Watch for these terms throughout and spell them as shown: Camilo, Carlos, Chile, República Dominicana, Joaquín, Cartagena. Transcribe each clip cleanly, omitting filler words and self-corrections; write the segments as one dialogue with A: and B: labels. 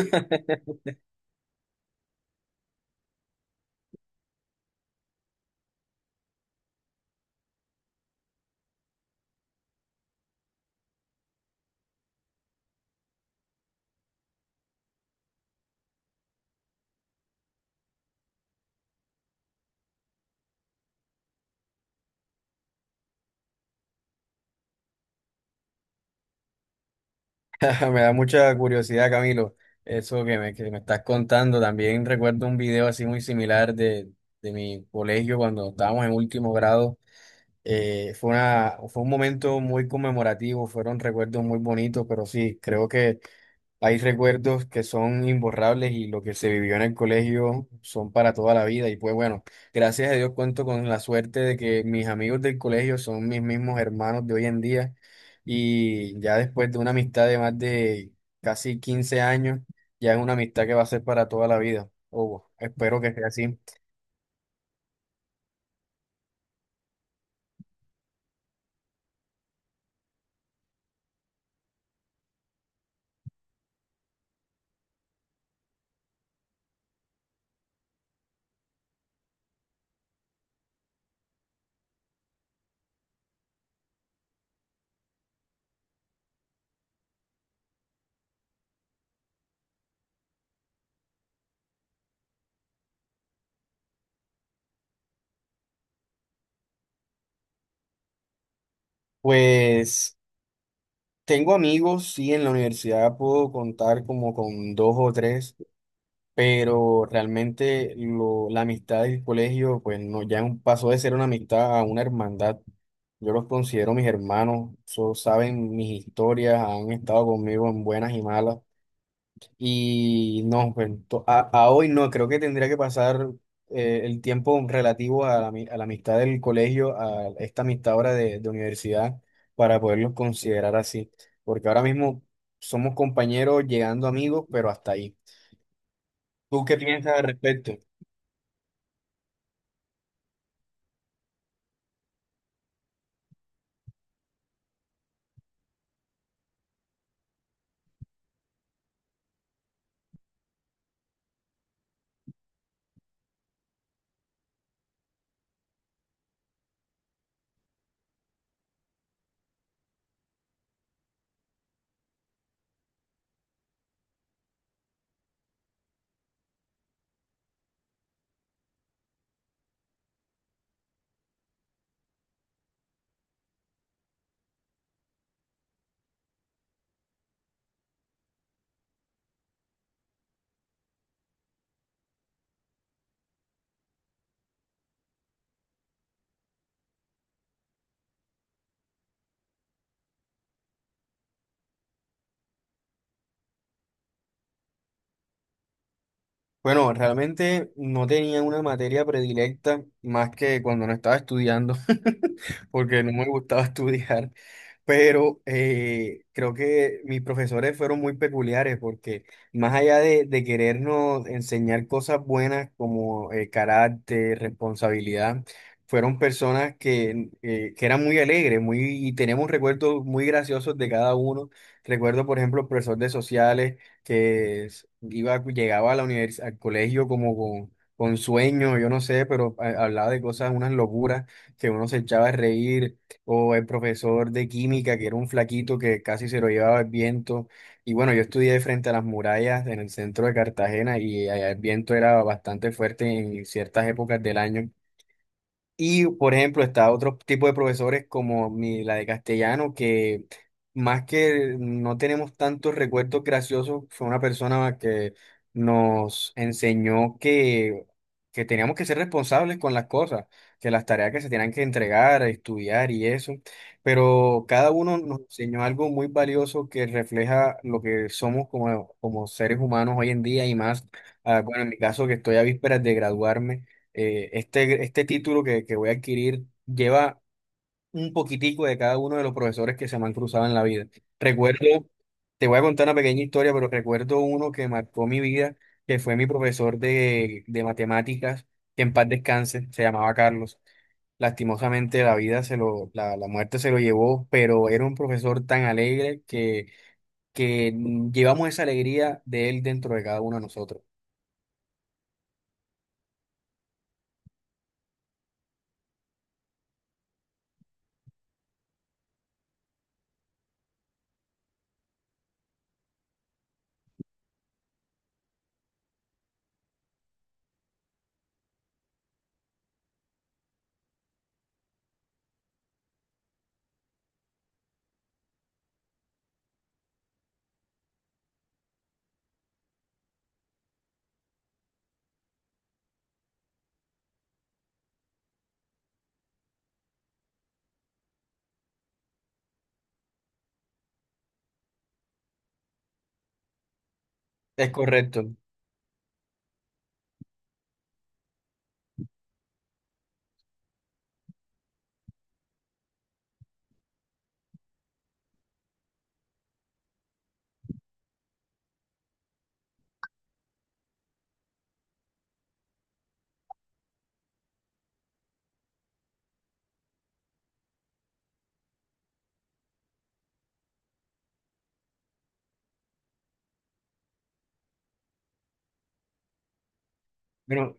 A: Me da mucha curiosidad, Camilo, eso que me estás contando. También recuerdo un video así muy similar de mi colegio cuando estábamos en último grado. Fue un momento muy conmemorativo, fueron recuerdos muy bonitos, pero sí, creo que hay recuerdos que son imborrables y lo que se vivió en el colegio son para toda la vida. Y pues bueno, gracias a Dios cuento con la suerte de que mis amigos del colegio son mis mismos hermanos de hoy en día. Y ya después de una amistad de más de casi 15 años, ya es una amistad que va a ser para toda la vida. O espero que sea así. Pues tengo amigos, sí, en la universidad puedo contar como con dos o tres, pero realmente la amistad del colegio, pues no, pasó de ser una amistad a una hermandad. Yo los considero mis hermanos, saben mis historias, han estado conmigo en buenas y malas. Y no, pues a hoy no, creo que tendría que pasar el tiempo relativo a a la amistad del colegio, a esta amistad ahora de universidad, para poderlos considerar así. Porque ahora mismo somos compañeros llegando amigos, pero hasta ahí. ¿Tú qué piensas al respecto? Bueno, realmente no tenía una materia predilecta más que cuando no estaba estudiando, porque no me gustaba estudiar, pero creo que mis profesores fueron muy peculiares porque más allá de querernos enseñar cosas buenas como carácter, responsabilidad, fueron personas que eran muy alegres, muy, y tenemos recuerdos muy graciosos de cada uno. Recuerdo, por ejemplo, el profesor de sociales que llegaba a al colegio como con sueño, yo no sé, pero hablaba de cosas, unas locuras que uno se echaba a reír, o el profesor de química, que era un flaquito que casi se lo llevaba el viento. Y bueno, yo estudié frente a las murallas en el centro de Cartagena y allá el viento era bastante fuerte en ciertas épocas del año. Y, por ejemplo, está otro tipo de profesores como la de castellano, que más que no tenemos tantos recuerdos graciosos, fue una persona que nos enseñó que teníamos que ser responsables con las cosas, que las tareas que se tenían que entregar, estudiar y eso. Pero cada uno nos enseñó algo muy valioso que refleja lo que somos como seres humanos hoy en día y más, ah, bueno, en mi caso que estoy a vísperas de graduarme este título que voy a adquirir lleva un poquitico de cada uno de los profesores que se me han cruzado en la vida. Recuerdo, te voy a contar una pequeña historia, pero recuerdo uno que marcó mi vida, que fue mi profesor de matemáticas, que en paz descanse, se llamaba Carlos. Lastimosamente la muerte se lo llevó, pero era un profesor tan alegre que llevamos esa alegría de él dentro de cada uno de nosotros. Es correcto. Bueno,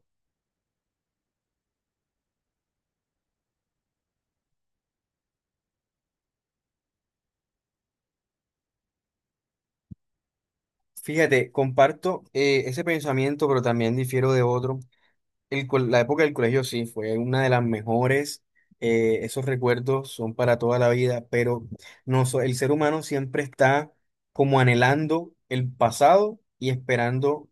A: fíjate, comparto ese pensamiento, pero también difiero de otro. La época del colegio sí fue una de las mejores. Eh, esos recuerdos son para toda la vida, pero no, el ser humano siempre está como anhelando el pasado y esperando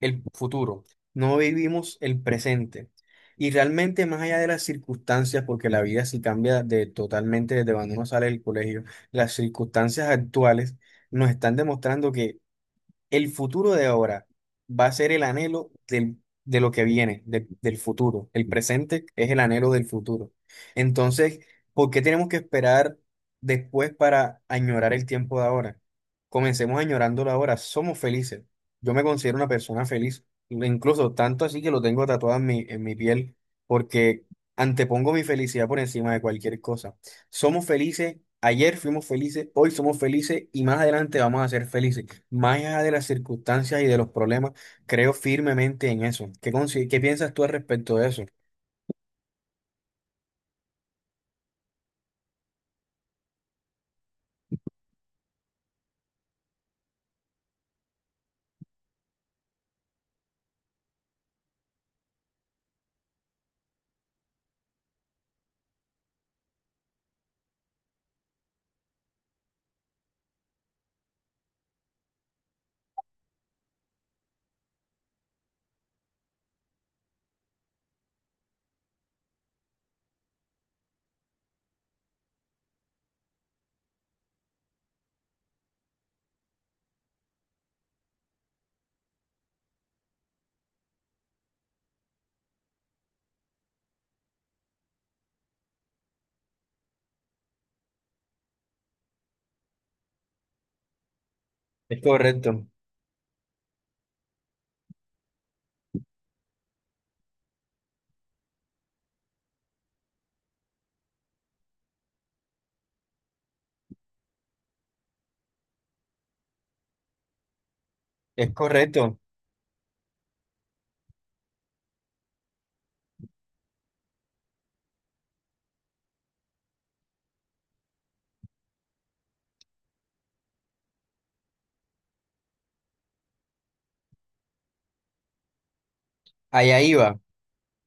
A: el futuro. No vivimos el presente. Y realmente más allá de las circunstancias, porque la vida sí cambia totalmente desde cuando uno sale del colegio, las circunstancias actuales nos están demostrando que el futuro de ahora va a ser de lo que viene, del futuro. El presente es el anhelo del futuro. Entonces, ¿por qué tenemos que esperar después para añorar el tiempo de ahora? Comencemos añorándolo ahora. Somos felices. Yo me considero una persona feliz, incluso tanto así que lo tengo tatuado en en mi piel, porque antepongo mi felicidad por encima de cualquier cosa. Somos felices. Ayer fuimos felices, hoy somos felices y más adelante vamos a ser felices. Más allá de las circunstancias y de los problemas, creo firmemente en eso. ¿ Qué piensas tú al respecto de eso? Es correcto, es correcto. Allá iba.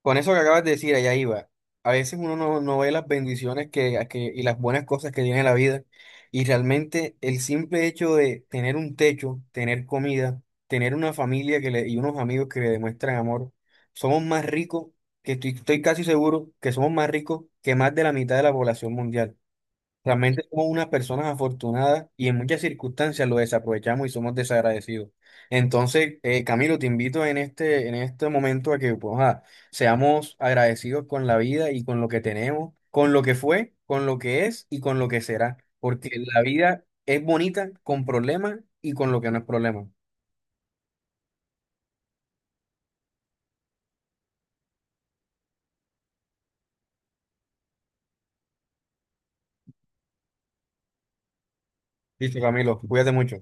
A: Con eso que acabas de decir, allá iba. A veces uno no, no ve las bendiciones y las buenas cosas que tiene la vida. Y realmente el simple hecho de tener un techo, tener comida, tener una familia y unos amigos que le demuestran amor, somos más ricos, que estoy casi seguro que somos más ricos que más de la mitad de la población mundial. Realmente somos unas personas afortunadas y en muchas circunstancias lo desaprovechamos y somos desagradecidos. Entonces, Camilo, te invito en en este momento a que pues, ah, seamos agradecidos con la vida y con lo que tenemos, con lo que fue, con lo que es y con lo que será. Porque la vida es bonita con problemas y con lo que no es problema. Listo, Camilo, cuídate mucho.